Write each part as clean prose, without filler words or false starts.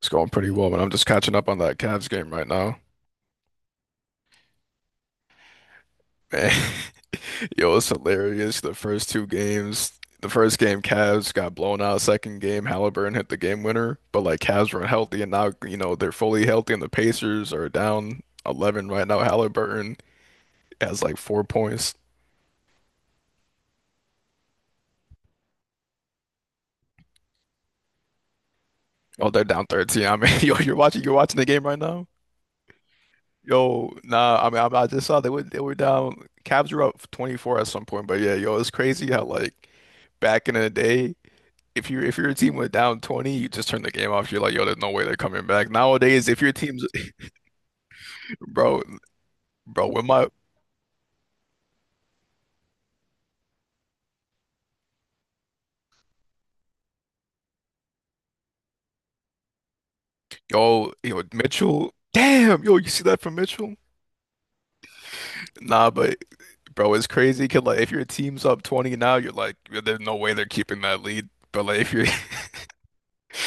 It's going pretty well, but I'm just catching up on that Cavs game right now. Man, yo, it's hilarious. The first game Cavs got blown out. Second game, Halliburton hit the game winner. But like Cavs were healthy, and now you know they're fully healthy, and the Pacers are down 11 right now. Halliburton has like 4 points. Oh, they're down 13. I mean, yo, you're watching the game right now. Yo, nah, I mean, I just saw they were down. Cavs were up 24 at some point, but yeah, yo, it's crazy how like back in the day if your team went down 20, you just turn the game off. You're like, yo, there's no way they're coming back. Nowadays, if your team's bro, when my yo, Mitchell, damn, yo, you see that from Mitchell? Nah, but bro, it's crazy. 'Cause, like if your team's up 20 now, you're like, yo, there's no way they're keeping that lead. But like if you're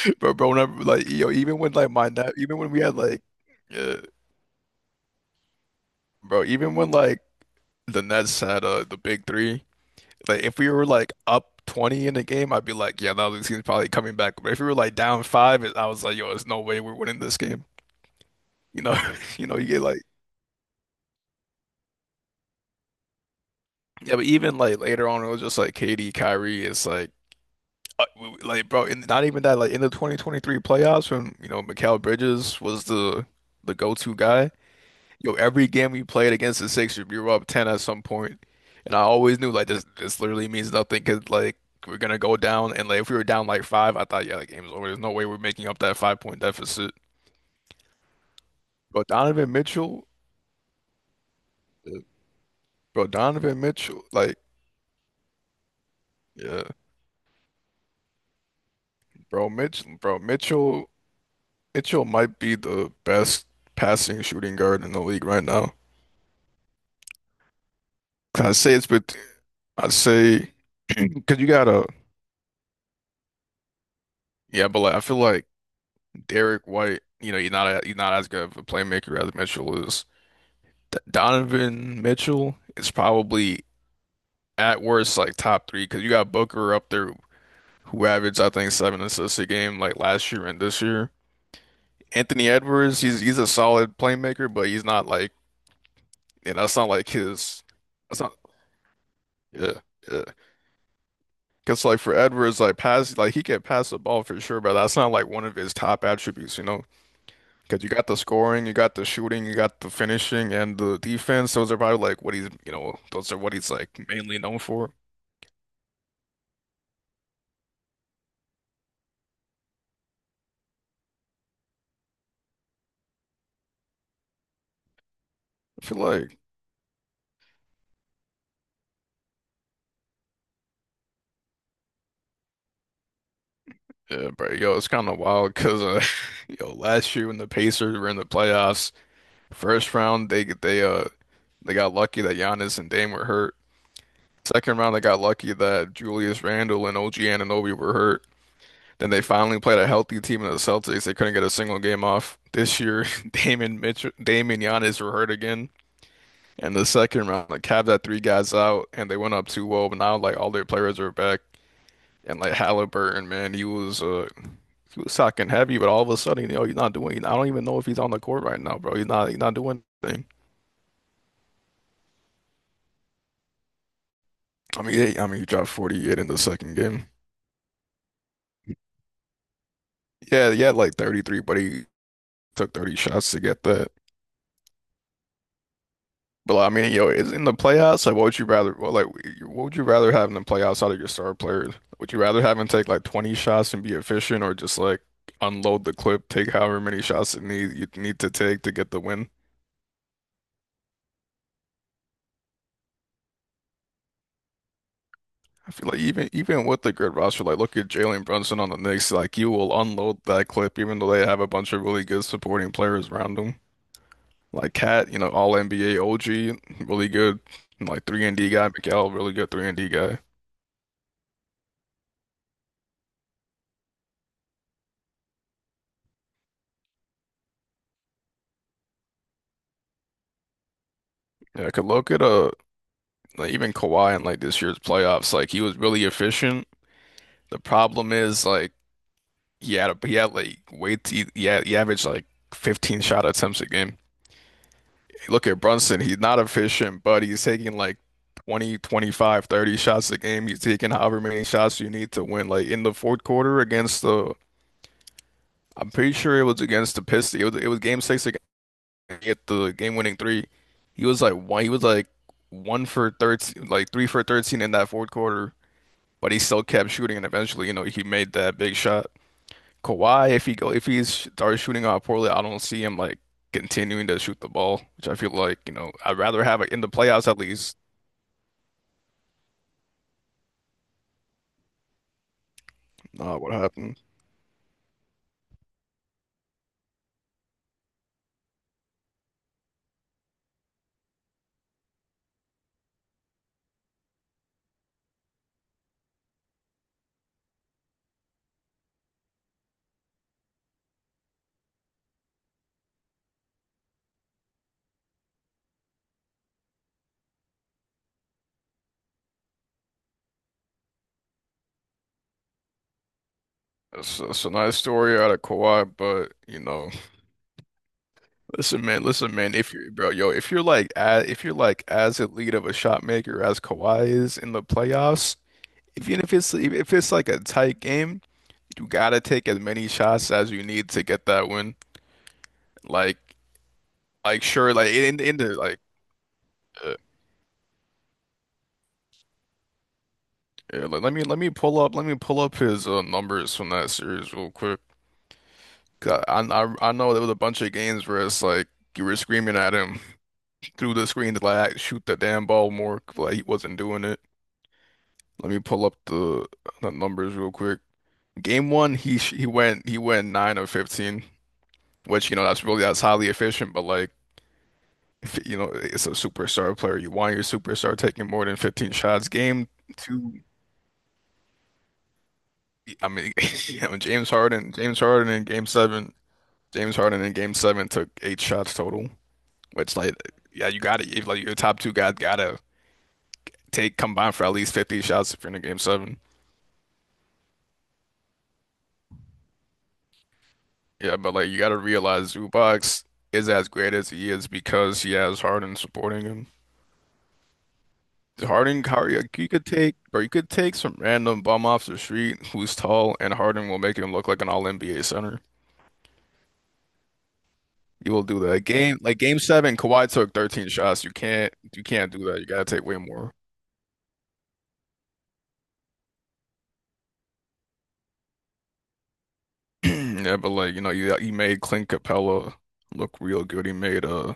bro, whenever, like yo, even when like my net, even when we had like, uh, bro, even when like the Nets had the big three. Like if we were like up 20 in the game, I'd be like, yeah, no, this team's probably coming back. But if we were like down five, I was like, yo, there's no way we're winning this game. You know, you know, you get like, yeah, but even like later on, it was just like KD, Kyrie. It's like, like bro, and not even that. Like in the 2023 playoffs, when you know Mikal Bridges was the go-to guy. Yo, every game we played against the Sixers, we were up 10 at some point, and I always knew like this literally means nothing because like we're gonna go down, and like if we were down like five, I thought yeah, the game's over. There's no way we're making up that 5 point deficit. But Donovan Mitchell, uh, bro, Donovan Mitchell, like yeah, bro, Mitch, bro, Mitchell might be the best passing shooting guard in the league right now. I say it's but I say because you gotta yeah, but like I feel like. Derek White, you know, you're not as good of a playmaker as Mitchell is. D Donovan Mitchell is probably at worst like top three, because you got Booker up there who averaged I think 7 assists a game like last year and this year. Anthony Edwards, he's a solid playmaker, but he's not like you know, that's not like his. That's not yeah, yeah. Because like for Edwards, like he can pass the ball for sure, but that's not like one of his top attributes, you know. Because you got the scoring, you got the shooting, you got the finishing, and the defense. Those are probably like what he's, you know, those are what he's like mainly known for. I feel like, yeah, bro, yo, it's kind of wild because, yo, last year when the Pacers were in the playoffs, first round they got lucky that Giannis and Dame were hurt. Second round they got lucky that Julius Randle and OG Anunoby were hurt. Then they finally played a healthy team in the Celtics. They couldn't get a single game off. This year, Dame and Giannis were hurt again. And the second round, like Cavs had three guys out and they went up 2-0, but now like all their players are back. And like Halliburton, man, he was talking heavy, but all of a sudden, you know, he's not doing. I don't even know if he's on the court right now, bro. He's not. He's not doing anything. I mean, he dropped 48 in the second game. Yeah, he had like 33, but he took 30 shots to get that. But like, I mean, yo, it's in the playoffs. Like, what would you rather? Well, like, what would you rather have in the playoffs out of your star players? Would you rather have him take like 20 shots and be efficient, or just like unload the clip, take however many shots it need you need to take to get the win? I feel like even with the good roster, like look at Jalen Brunson on the Knicks, like you will unload that clip, even though they have a bunch of really good supporting players around them. Like Cat, you know, all NBA OG, really good, and like three and D guy, Miguel, really good three and D guy. Yeah, I could look at like even Kawhi in like this year's playoffs, like he was really efficient. The problem is like he had like way he averaged like 15 shot attempts a game. Look at Brunson, he's not efficient, but he's taking like 20, 25, 30 shots a game. He's taking however many shots you need to win. Like in the fourth quarter against the, I'm pretty sure it was against the Pistons. It was game six against get the game winning three. He was like one for 13, like three for 13 in that fourth quarter. But he still kept shooting, and eventually, you know, he made that big shot. Kawhi, if he's starts shooting out poorly, I don't see him like continuing to shoot the ball, which I feel like, you know, I'd rather have it in the playoffs at least. Not what happened. It's a nice story out of Kawhi, but you know, listen, man, listen, man. If you're like, if you're like as elite of a shot maker as Kawhi is in the playoffs, even if it's like a tight game, you gotta take as many shots as you need to get that win. Like, Like sure, like in the like uh, yeah, let me pull up his numbers from that series real quick. 'Cause I know there was a bunch of games where it's like you were screaming at him through the screen to like shoot the damn ball more, but like he wasn't doing it. Let me pull up the numbers real quick. Game one, he went nine of 15, which you know that's really that's highly efficient, but like if, you know it's a superstar player. You want your superstar taking more than 15 shots. Game two. I mean, you know, James Harden in game seven took 8 shots total, which like, yeah, you gotta, if like your top two guys gotta take combined for at least 50 shots if you're in a game seven. Yeah, but like you gotta realize Zubac is as great as he is because he has Harden supporting him. Harden, Kyrie, like, you could take some random bum off the street who's tall, and Harden will make him look like an all-NBA center. You will do that. Like, game like game seven, Kawhi took 13 shots. You can't do that. You gotta take way more. Yeah, but like, you know, you he made Clint Capella look real good. He made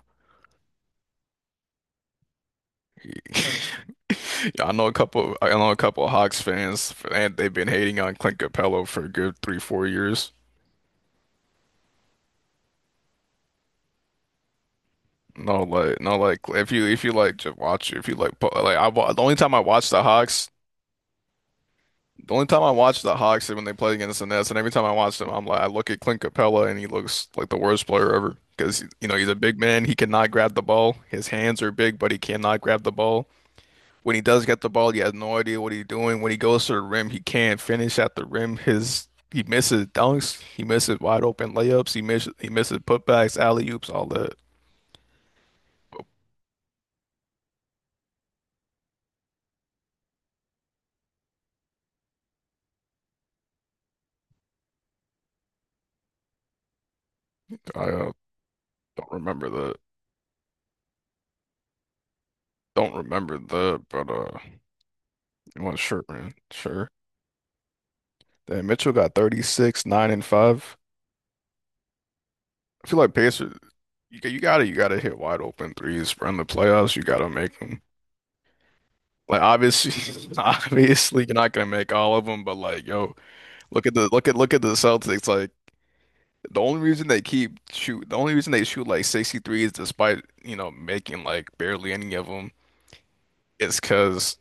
yeah, I know a couple of Hawks fans and they've been hating on Clint Capella for a good three, 4 years. No, like no, like if you like just watch if you like po- the only time I watched the Hawks is when they played against the Nets, and every time I watched him, I'm like, I look at Clint Capella and he looks like the worst player ever because you know he's a big man, he cannot grab the ball. His hands are big, but he cannot grab the ball. When he does get the ball, he has no idea what he's doing. When he goes to the rim, he can't finish at the rim. His he misses dunks, he misses wide open layups, he misses putbacks, alley-oops, all that. I don't remember the don't remember the but it was sure, man, sure. Then Mitchell got 36, 9 and 5. I feel like Pacers, you gotta hit wide open threes from the playoffs. You gotta make them. Like obviously, obviously you're not gonna make all of them, but like yo, look at the Celtics. Like the only reason they shoot like 63s despite you know making like barely any of them is because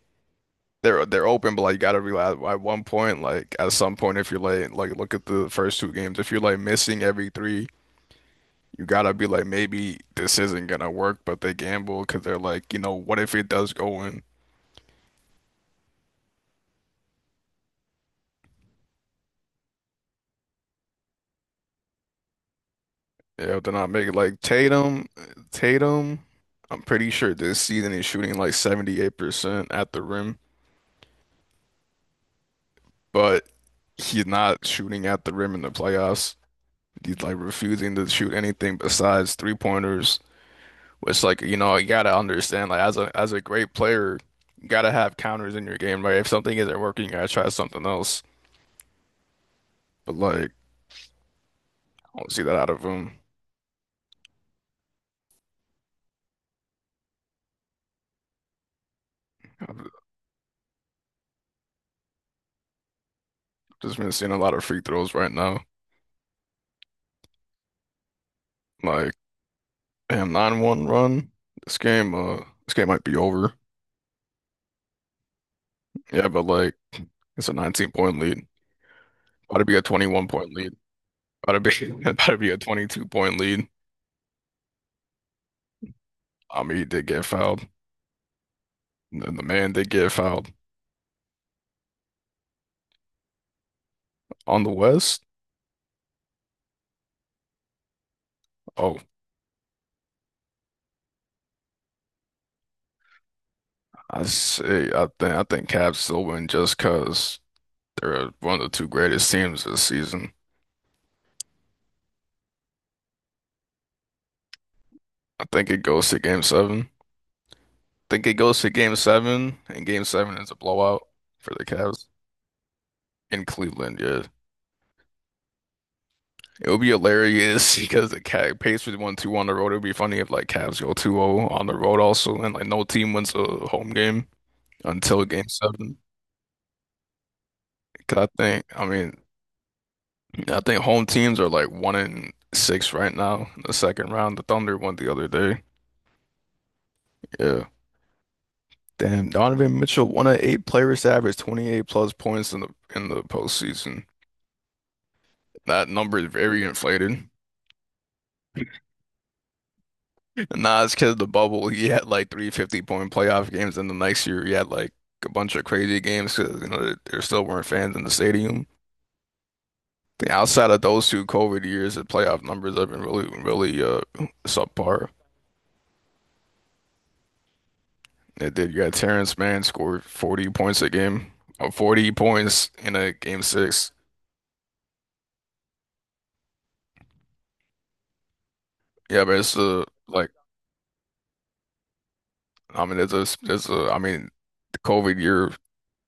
they're open. But like you gotta realize at one point, like at some point, if you're like look at the first two games, if you're like missing every three. You gotta be like, maybe this isn't gonna work, but they gamble because they're like, you know, what if it does go in? Yeah, if they're not making like Tatum. I'm pretty sure this season he's shooting like 78% at the rim, but he's not shooting at the rim in the playoffs. He's like refusing to shoot anything besides three pointers, which like, you know, you gotta understand like as a great player, you gotta have counters in your game, right? If something isn't working, you gotta try something else. But like, I don't see that out of him. Just been seeing a lot of free throws right now. Like, damn, 9-1 run. This game might be over. Yeah, but like, it's a 19 point lead. About to be a 21 point lead. About to be, about to be a 22 point lead. I mean, he did get fouled. And then the man did get fouled. On the West, oh, I think Cavs still win just because they're one of the two greatest teams this season. I think it goes to game 7. I think it goes to game seven, and game 7 is a blowout for the Cavs. In Cleveland, yeah. It would be hilarious because the Cav pays for 1-2 on the road. It would be funny if like Cavs go 2-0 on the road also, and like no team wins a home game until game 7. 'Cause I think home teams are like 1 in 6 right now. In the second round, the Thunder won the other day. Yeah, damn, Donovan Mitchell, one of 8 players to average 28 plus points in the postseason. That number is very inflated. Nah, it's because the bubble. He had like 3 fifty point playoff games, and the next year he had like a bunch of crazy games because you know there still weren't fans in the stadium. The outside of those two COVID years, the playoff numbers have been really, really subpar. It did. You got Terrence Mann scored 40 points a game, or 40 points in a game 6. Yeah, but it's like I mean there's a I mean the COVID year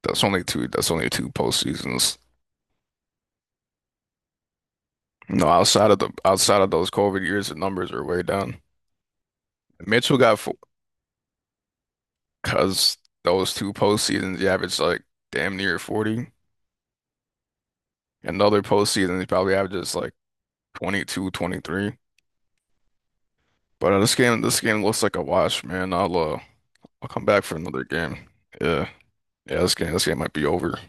that's only two postseasons. No, outside of those COVID years, the numbers are way down. Mitchell got four because those two postseasons he averaged like damn near 40. Another postseason he probably averages like 22, 23. But this game looks like a wash, man. I'll come back for another game. Yeah. Yeah, this game might be over.